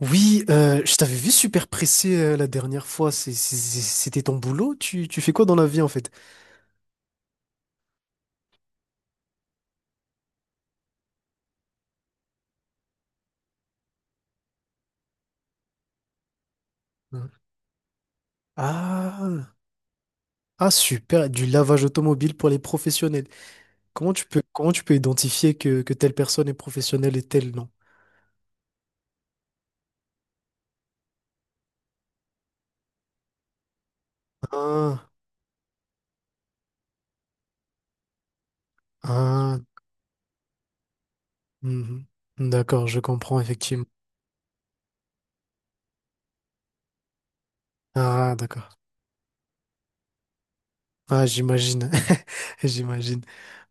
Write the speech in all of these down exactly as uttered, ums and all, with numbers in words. Oui, euh, je t'avais vu super pressé euh, la dernière fois. C'est- c'est- c'est- C'était ton boulot? Tu, tu fais quoi dans la vie en fait? Hein. Ah, ah super, du lavage automobile pour les professionnels. Comment tu peux, comment tu peux identifier que, que telle personne est professionnelle et telle non? Ah, ah, mhm. D'accord, je comprends effectivement. Ah, d'accord. Ah, j'imagine. J'imagine.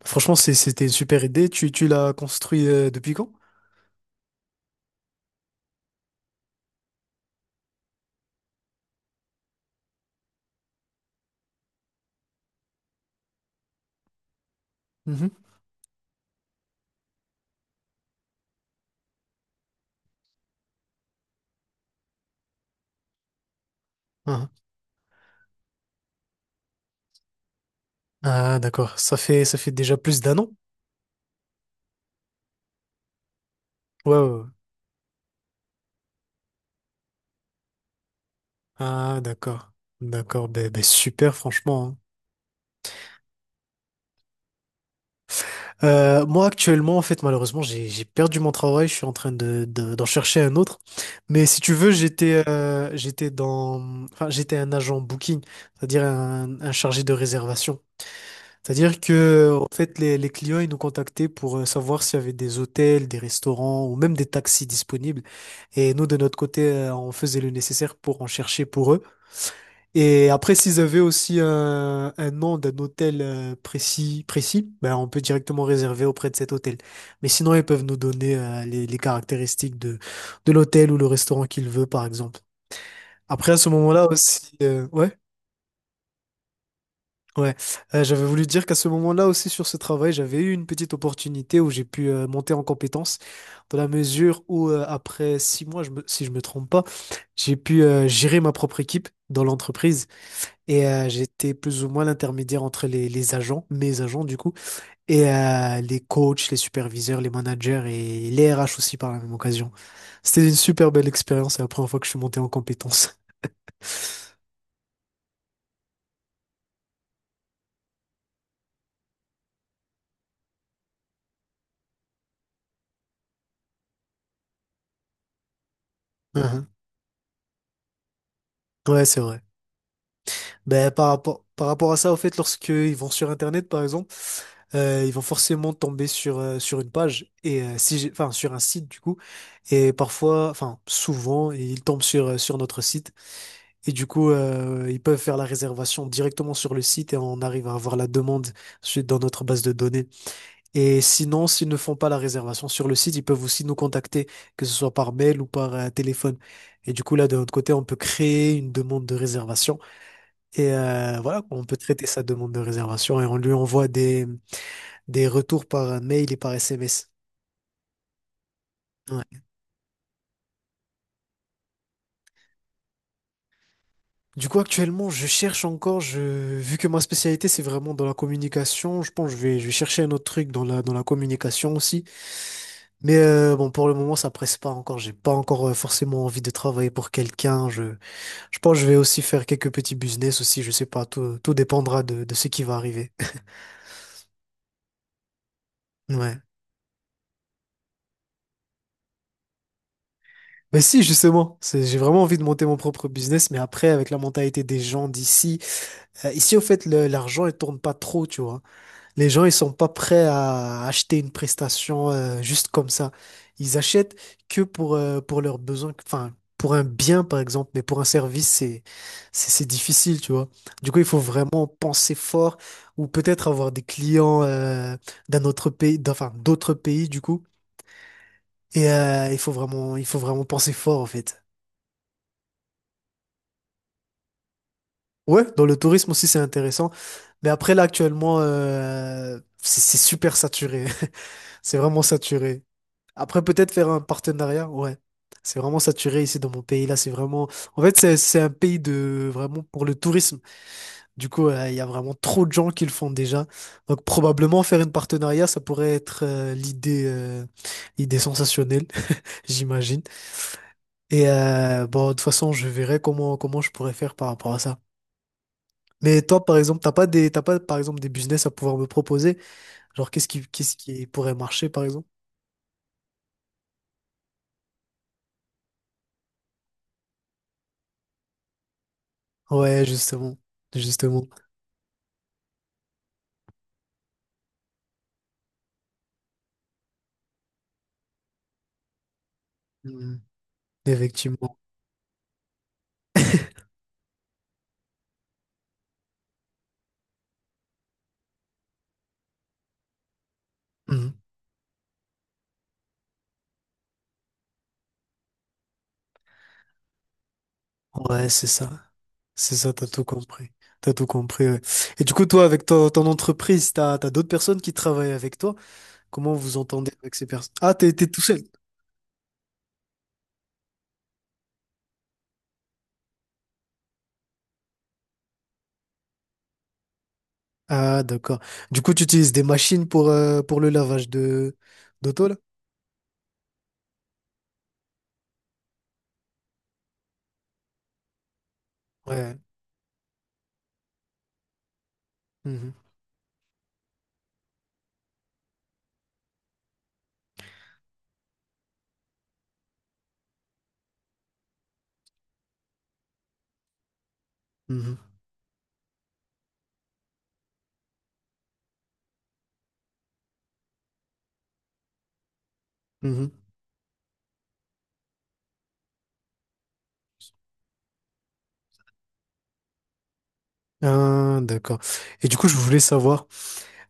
Franchement, c'est- c'était une super idée. Tu, tu l'as construit euh, depuis quand? Mhm. Ah. Ah, d'accord. Ça fait, ça fait déjà plus d'un an? Ouais, ouais, ouais. Ah, d'accord. D'accord. Ben, ben, super, franchement, hein. Euh, moi, actuellement, en fait, malheureusement, j'ai, j'ai perdu mon travail. Je suis en train de, de- d'en chercher un autre. Mais si tu veux, j'étais, euh, j'étais dans, enfin, j'étais un agent booking, c'est-à-dire un, un chargé de réservation. C'est-à-dire que, en fait, les, les clients, ils nous contactaient pour euh, savoir s'il y avait des hôtels, des restaurants ou même des taxis disponibles. Et nous, de notre côté, euh, on faisait le nécessaire pour en chercher pour eux. Et après, s'ils avaient aussi un, un nom d'un hôtel euh, précis, précis, ben, on peut directement réserver auprès de cet hôtel. Mais sinon, ils peuvent nous donner euh, les, les caractéristiques de, de l'hôtel ou le restaurant qu'ils veulent, par exemple. Après, à ce moment-là aussi, euh, ouais. Ouais. Euh, j'avais voulu dire qu'à ce moment-là aussi sur ce travail, j'avais eu une petite opportunité où j'ai pu euh, monter en compétence dans la mesure où euh, après six mois, je me- si je me trompe pas, j'ai pu euh, gérer ma propre équipe dans l'entreprise et euh, j'étais plus ou moins l'intermédiaire entre les, les agents, mes agents du coup, et euh, les coachs, les superviseurs, les managers et les R H aussi par la même occasion. C'était une super belle expérience et la première fois que je suis monté en compétence. Mhm. Ouais, c'est vrai. Ben, par rapport, par rapport à ça, au fait, lorsqu'ils vont sur Internet, par exemple, euh, ils vont forcément tomber sur, euh, sur une page, et euh, si j'ai- enfin, sur un site, du coup, et parfois, enfin, souvent, ils tombent sur, euh, sur notre site, et du coup, euh, ils peuvent faire la réservation directement sur le site, et on arrive à avoir la demande su- dans notre base de données. Et sinon, s'ils ne font pas la réservation sur le site, ils peuvent aussi nous contacter, que ce soit par mail ou par euh, téléphone. Et du coup, là, de notre côté, on peut créer une demande de réservation et euh, voilà, on peut traiter sa demande de réservation et on lui envoie des, des retours par euh, mail et par S M S. Ouais. Du coup, actuellement, je cherche encore, je, vu que ma spécialité, c'est vraiment dans la communication, je pense que je vais, je vais chercher un autre truc dans la, dans la communication aussi. Mais euh, bon, pour le moment, ça presse pas encore. J'ai pas encore euh, forcément envie de travailler pour quelqu'un. Je, je pense que je vais aussi faire quelques petits business aussi, je sais pas, tout, tout dépendra de, de ce qui va arriver. Ouais. Mais si, justement, c'est- j'ai vraiment envie de monter mon propre business, mais après, avec la mentalité des gens d'ici, euh, ici, au fait, le- l'argent, il tourne pas trop, tu vois. Les gens, ils sont pas prêts à acheter une prestation, euh, juste comme ça. Ils achètent que pour, euh, pour leurs besoins, enfin, pour un bien, par exemple, mais pour un service, c'est, c'est, c'est difficile, tu vois. Du coup, il faut vraiment penser fort ou peut-être avoir des clients, euh, d'un autre pays, d'enfin, d'autres pays, du coup. Et, euh, il faut vraiment, il faut vraiment penser fort, en fait. Ouais, dans le tourisme aussi, c'est intéressant. Mais après, là, actuellement, euh, c'est c'est super saturé. C'est vraiment saturé. Après, peut-être faire un partenariat, ouais. C'est vraiment saturé ici dans mon pays. Là, c'est vraiment. En fait, c'est c'est un pays de vraiment pour le tourisme. Du coup, euh, il y a vraiment trop de gens qui le font déjà. Donc, probablement faire une partenariat, ça pourrait être euh, l'idée euh, l'idée sensationnelle, j'imagine. Et euh, bon, de toute façon, je verrai comment comment je pourrais faire par rapport à ça. Mais toi, par exemple, t'as pas des, t'as pas, par exemple, des business à pouvoir me proposer? Genre, qu'est-ce qui, qu'est-ce qui pourrait marcher, par exemple? Ouais, justement. Justement. Mhm. Effectivement. Mhm. Ouais, c'est ça. C'est ça, t'as tout compris. T'as tout compris, ouais. Et du coup, toi, avec ton, ton entreprise, t'as, t'as d'autres personnes qui travaillent avec toi? Comment vous entendez avec ces personnes? Ah, t'es, t'es tout seul. Ah, d'accord. Du coup, tu utilises des machines pour, euh, pour le lavage de, d'auto, là? Ouais. Mhm. Mhm. Mhm. Ah, d'accord. Et du coup, je voulais savoir,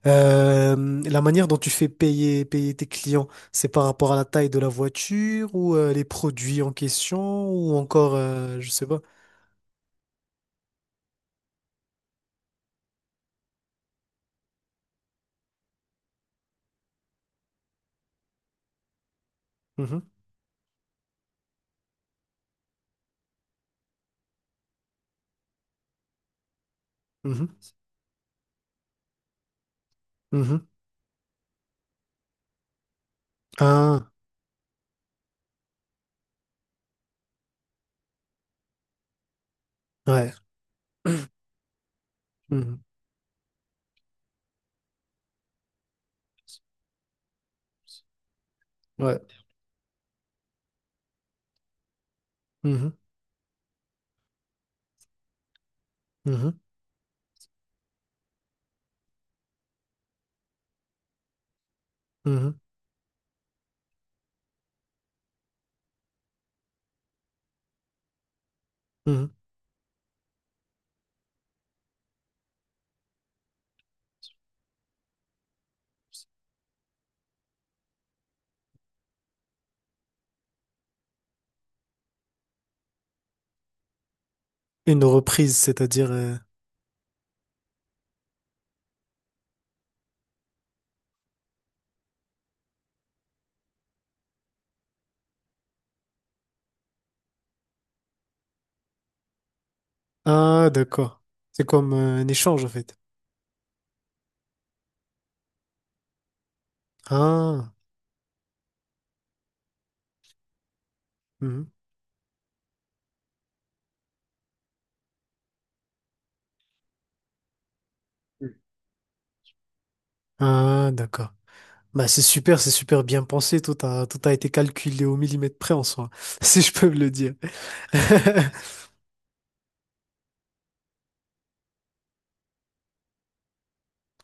euh, la manière dont tu fais payer, payer tes clients, c'est par rapport à la taille de la voiture ou euh, les produits en question ou encore, euh, je sais pas. Mhm, mhm, mhm. Ah, ouais. Mhm, ouais. Mhm, mhm, mhm, mhm. Une reprise, c'est-à-dire... euh, Ah, d'accord. C'est comme euh, un échange, en fait. Ah, mhm. Ah, d'accord. Bah, c'est super, c'est super bien pensé. Tout a, tout a été calculé au millimètre près en soi, si je peux me le dire.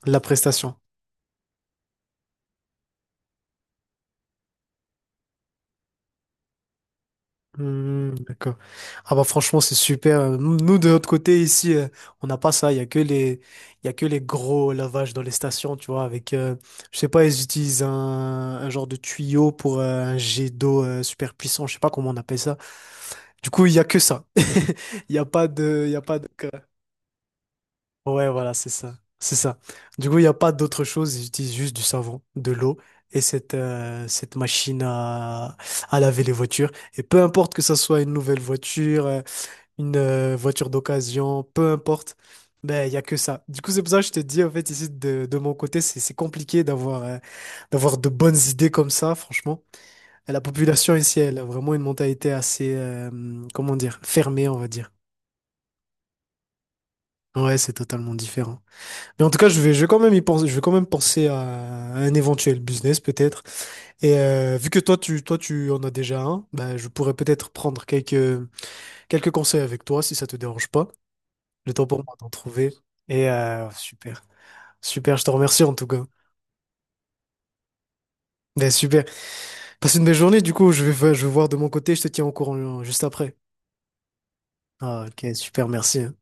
La prestation. Hmm, d'accord. Ah bah franchement, c'est super. Euh, Nous, de notre côté, ici, euh, on n'a pas ça. Il y a que les, il y a que les gros lavages dans les stations, tu vois, avec, euh, je sais pas, ils utilisent un, un genre de tuyau pour euh, un jet d'eau euh, super puissant. Je sais pas comment on appelle ça. Du coup, il y a que ça. Il y a pas de, il y a pas de. Ouais, voilà, c'est ça. C'est ça. Du coup, il n'y a pas d'autre chose. Ils utilisent juste du savon, de l'eau et cette, euh, cette machine à, à laver les voitures. Et peu importe que ça soit une nouvelle voiture, euh, une euh, voiture d'occasion, peu importe, ben, il n'y a que ça. Du coup, c'est pour ça que je te dis, en fait, ici, de, de mon côté, c'est, c'est compliqué d'avoir, euh, d'avoir de bonnes idées comme ça, franchement. Et la population ici, elle a vraiment une mentalité assez, euh, comment dire, fermée, on va dire. Ouais, c'est totalement différent. Mais en tout cas, je vais, je vais quand même y penser, je vais quand même penser à un éventuel business peut-être. Et euh, vu que toi, tu, toi, tu en as déjà un, ben, je pourrais peut-être prendre quelques, quelques conseils avec toi si ça te dérange pas. Le temps pour moi d'en trouver. Et euh, super, super, je te remercie en tout cas. Ben, super. Passe une belle journée, du coup, je vais, je vais voir de mon côté, je te tiens au courant euh, juste après. Ah, ok, super, merci, hein.